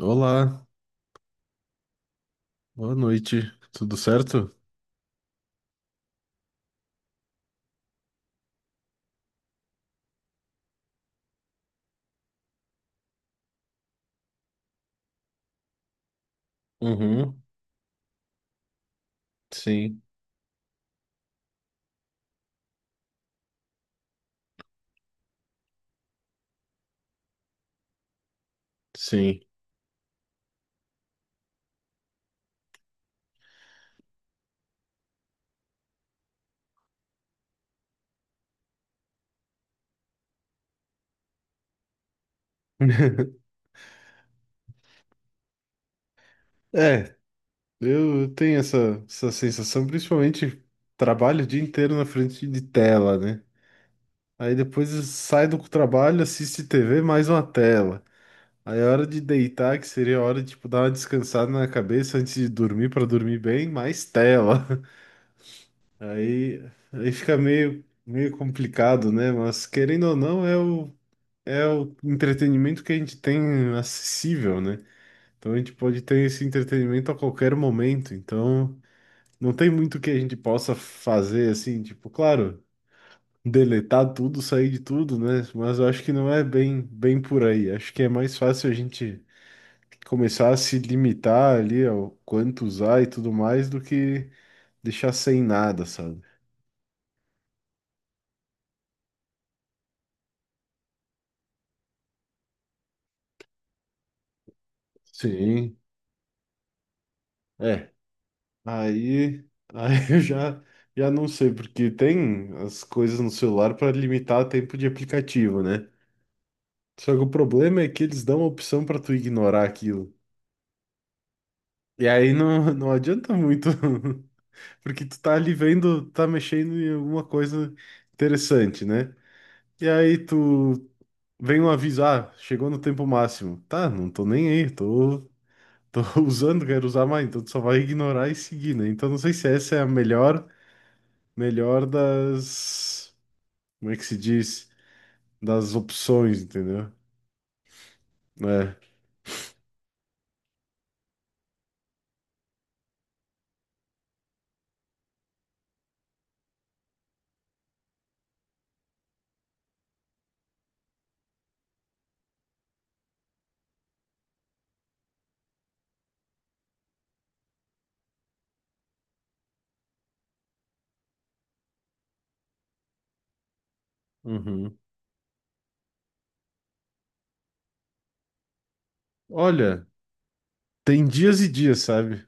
Olá, boa noite, tudo certo? Uhum, sim, sim. É, eu tenho essa sensação, principalmente trabalho o dia inteiro na frente de tela, né? Aí depois sai do trabalho, assiste TV, mais uma tela. Aí é hora de deitar, que seria a hora de tipo, dar uma descansada na cabeça antes de dormir, para dormir bem, mais tela. Aí, aí fica meio complicado, né? Mas querendo ou não, é o entretenimento que a gente tem acessível, né? Então a gente pode ter esse entretenimento a qualquer momento. Então não tem muito que a gente possa fazer assim, tipo, claro, deletar tudo, sair de tudo, né? Mas eu acho que não é bem, bem por aí. Acho que é mais fácil a gente começar a se limitar ali ao quanto usar e tudo mais do que deixar sem nada, sabe? Sim. É. Aí, aí eu já não sei, porque tem as coisas no celular para limitar o tempo de aplicativo, né? Só que o problema é que eles dão a opção para tu ignorar aquilo. E aí não adianta muito, porque tu tá ali vendo, tá mexendo em alguma coisa interessante, né? E aí tu vem um aviso, ah, chegou no tempo máximo. Tá, não tô nem aí, tô usando, quero usar mais, então tu só vai ignorar e seguir, né? Então não sei se essa é a melhor das, como é que se diz, das opções, entendeu? É. Uhum. Olha, tem dias e dias, sabe?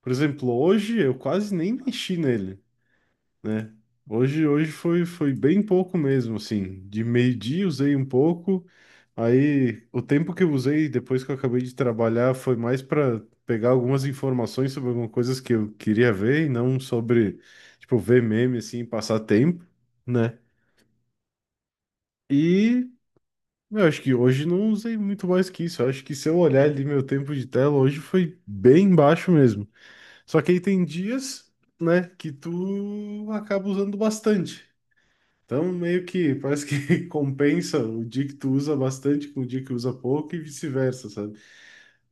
Por exemplo, hoje eu quase nem mexi nele, né? Hoje foi bem pouco mesmo, assim. De meio-dia usei um pouco, aí o tempo que eu usei depois que eu acabei de trabalhar foi mais para pegar algumas informações sobre algumas coisas que eu queria ver e não sobre, tipo, ver meme, assim, e passar tempo, né? E meu, acho que hoje não usei muito mais que isso. Eu acho que se eu olhar ali meu tempo de tela, hoje foi bem baixo mesmo. Só que aí tem dias, né, que tu acaba usando bastante. Então, meio que parece que compensa o dia que tu usa bastante com o dia que usa pouco e vice-versa, sabe?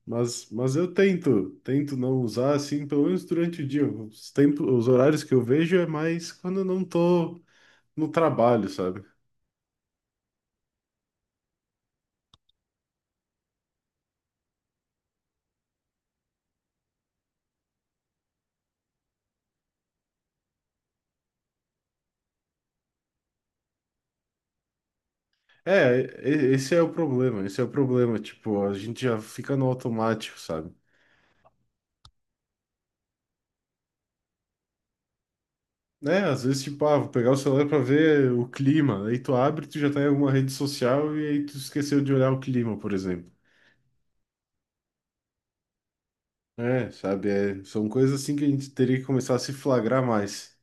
Mas eu tento não usar assim, pelo menos durante o dia. Os tempos, os horários que eu vejo é mais quando eu não tô no trabalho, sabe? É, esse é o problema, tipo, a gente já fica no automático, sabe? Né, às vezes, tipo, ah, vou pegar o celular pra ver o clima, aí tu abre, tu já tá em alguma rede social e aí tu esqueceu de olhar o clima, por exemplo. É, sabe, é, são coisas assim que a gente teria que começar a se flagrar mais.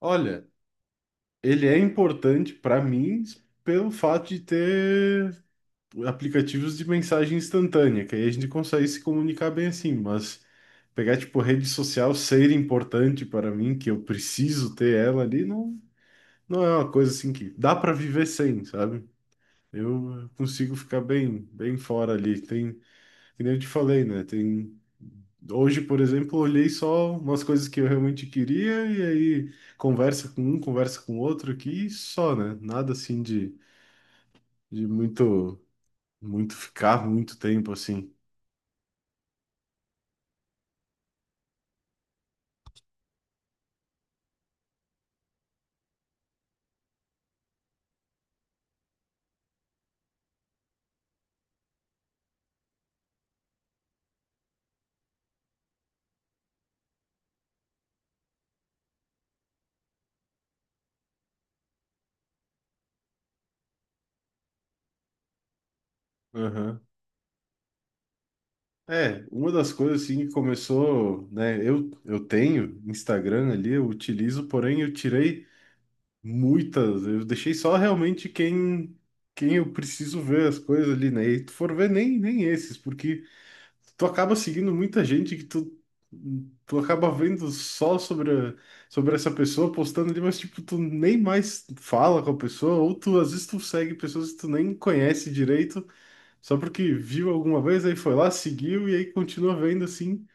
Olha, ele é importante pra mim pelo fato de ter aplicativos de mensagem instantânea, que aí a gente consegue se comunicar bem assim, mas pegar, tipo, rede social ser importante para mim, que eu preciso ter ela ali, não é uma coisa assim que dá para viver sem, sabe? Eu consigo ficar bem, bem fora ali. Tem, que nem eu te falei, né? Tem Hoje, por exemplo, eu olhei só umas coisas que eu realmente queria e aí conversa com um, conversa com outro aqui e só, né? Nada assim de muito, muito ficar muito tempo assim. Aham. É, uma das coisas assim que começou, né? Eu tenho Instagram ali, eu utilizo, porém eu tirei muitas, eu deixei só realmente quem eu preciso ver as coisas ali, né? E tu for ver nem esses, porque tu acaba seguindo muita gente que tu acaba vendo só sobre sobre essa pessoa postando ali, mas tipo, tu nem mais fala com a pessoa, ou tu às vezes tu segue pessoas que tu nem conhece direito. Só porque viu alguma vez, aí foi lá, seguiu e aí continua vendo assim.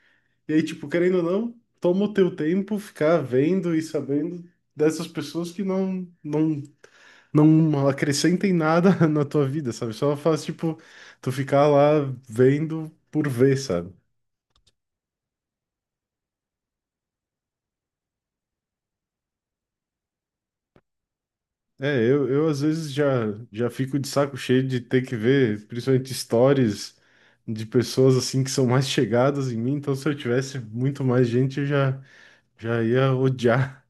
E aí, tipo, querendo ou não, toma o teu tempo ficar vendo e sabendo dessas pessoas que não acrescentem nada na tua vida, sabe? Só faz tipo tu ficar lá vendo por ver, sabe? É, eu às vezes já fico de saco cheio de ter que ver, principalmente stories de pessoas assim que são mais chegadas em mim, então se eu tivesse muito mais gente, eu já ia odiar.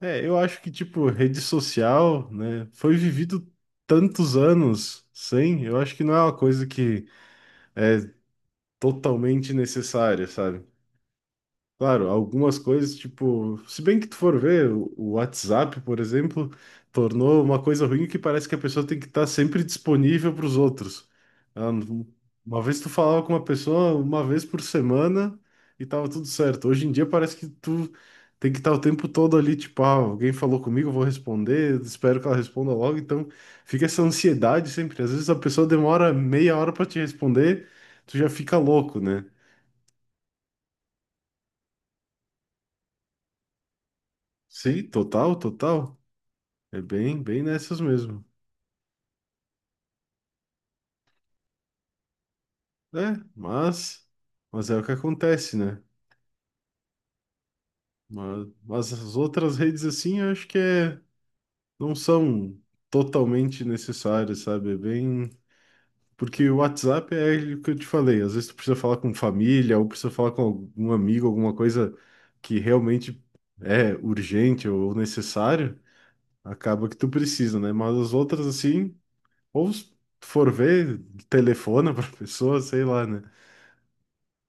É, eu acho que, tipo, rede social, né, foi vivido tantos anos sem, eu acho que não é uma coisa que totalmente necessária, sabe? Claro, algumas coisas, tipo, se bem que tu for ver, o WhatsApp, por exemplo, tornou uma coisa ruim que parece que a pessoa tem que estar sempre disponível para os outros. Ela não- Uma vez tu falava com uma pessoa uma vez por semana e tava tudo certo. Hoje em dia parece que tu tem que estar o tempo todo ali, tipo, ah, alguém falou comigo, eu vou responder, espero que ela responda logo. Então fica essa ansiedade sempre. Às vezes a pessoa demora meia hora para te responder, tu já fica louco, né? Sim, total, total. É bem, bem nessas mesmo. É, mas é o que acontece, né? Mas as outras redes assim, eu acho que é, não são totalmente necessárias, sabe? É bem. Porque o WhatsApp é o que eu te falei, às vezes tu precisa falar com família, ou precisa falar com algum amigo, alguma coisa que realmente é urgente ou necessário, acaba que tu precisa, né? Mas as outras assim, ou se tu for ver, telefona pra pessoa, sei lá, né?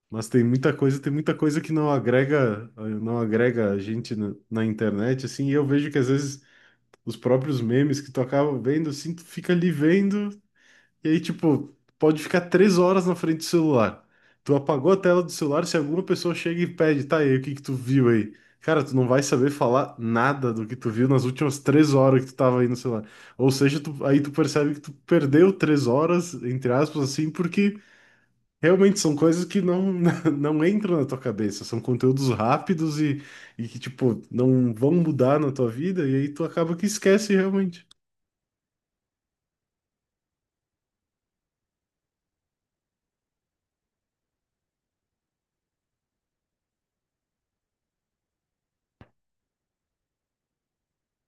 Mas tem muita coisa que não agrega, não agrega a gente na internet, assim, e eu vejo que às vezes os próprios memes que tu acaba vendo, assim, tu fica ali vendo, e aí, tipo, pode ficar três horas na frente do celular. Tu apagou a tela do celular, se alguma pessoa chega e pede, tá, aí, o que que tu viu aí? Cara, tu não vai saber falar nada do que tu viu nas últimas três horas que tu tava aí no celular. Ou seja, aí tu percebe que tu perdeu três horas, entre aspas, assim, porque realmente são coisas que não, não entram na tua cabeça, são conteúdos rápidos e que, tipo, não vão mudar na tua vida, e aí tu acaba que esquece realmente.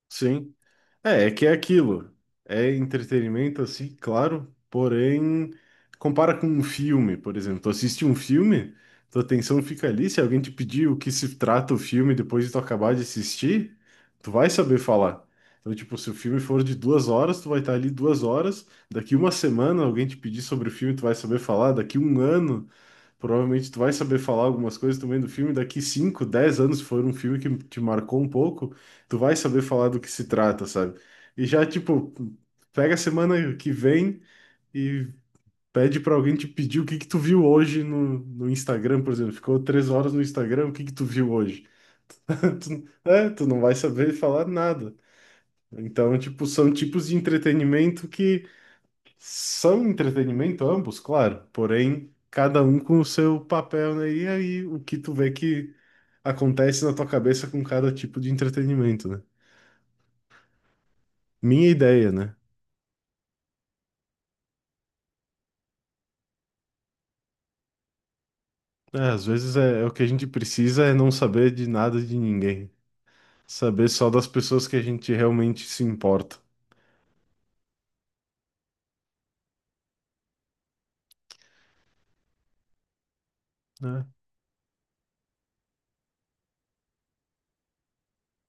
Sim. É que é aquilo. É entretenimento, assim, claro, porém, compara com um filme, por exemplo. Tu assiste um filme, tua atenção fica ali. Se alguém te pedir o que se trata o filme depois de tu acabar de assistir, tu vai saber falar. Então, tipo, se o filme for de duas horas, tu vai estar ali duas horas. Daqui uma semana, alguém te pedir sobre o filme, tu vai saber falar. Daqui um ano, provavelmente tu vai saber falar algumas coisas também do filme. Daqui cinco, 10 anos, se for um filme que te marcou um pouco, tu vai saber falar do que se trata, sabe? E já, tipo, pega a semana que vem e pede pra alguém te pedir o que que tu viu hoje no Instagram, por exemplo. Ficou três horas no Instagram, o que que tu viu hoje? Tu, é, tu não vai saber falar nada. Então, tipo, são tipos de entretenimento que são entretenimento ambos, claro, porém cada um com o seu papel, né? E aí o que tu vê que acontece na tua cabeça com cada tipo de entretenimento, né? Minha ideia, né? É, às vezes é o que a gente precisa é não saber de nada de ninguém, saber só das pessoas que a gente realmente se importa, né?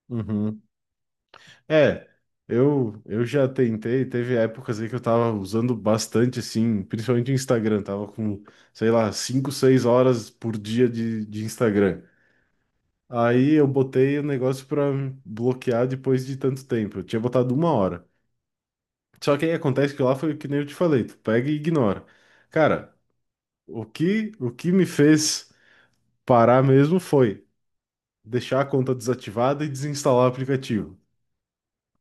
Uhum. É, eu já tentei, teve épocas aí que eu tava usando bastante, assim, principalmente o Instagram, tava com, sei lá, 5, 6 horas por dia de Instagram. Aí eu botei o negócio pra bloquear depois de tanto tempo, eu tinha botado uma hora. Só que aí acontece que lá foi o que nem eu te falei, tu pega e ignora. Cara, o que me fez parar mesmo foi deixar a conta desativada e desinstalar o aplicativo.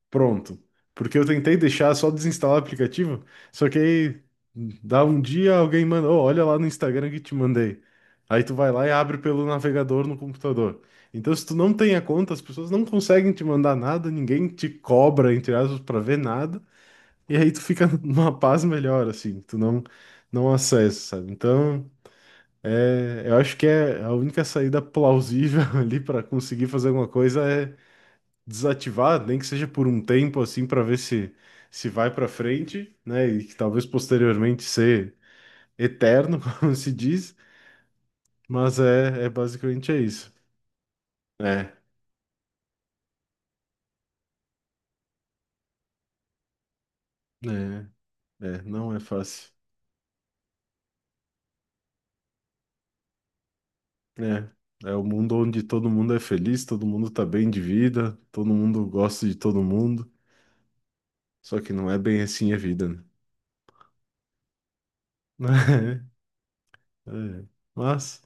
Pronto. Porque eu tentei deixar só desinstalar o aplicativo, só que aí dá um dia alguém manda, "Ô, olha lá no Instagram que te mandei." Aí tu vai lá e abre pelo navegador no computador. Então, se tu não tem a conta, as pessoas não conseguem te mandar nada, ninguém te cobra, entre aspas, pra ver nada, e aí tu fica numa paz melhor, assim, tu não acessa, sabe? Então, é, eu acho que é a única saída plausível ali pra conseguir fazer alguma coisa é desativar, nem que seja por um tempo assim, para ver se vai para frente, né? E que talvez posteriormente ser eterno, como se diz, mas é basicamente é isso. É, é, é, não é fácil. É, é o mundo onde todo mundo é feliz, todo mundo tá bem de vida, todo mundo gosta de todo mundo, só que não é bem assim a vida, né? É, é. Mas,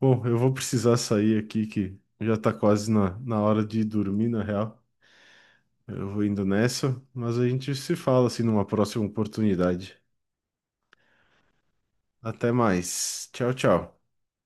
bom, eu vou precisar sair aqui que já tá quase na hora de dormir, na real. Eu vou indo nessa, mas a gente se fala assim numa próxima oportunidade. Até mais. Tchau, tchau.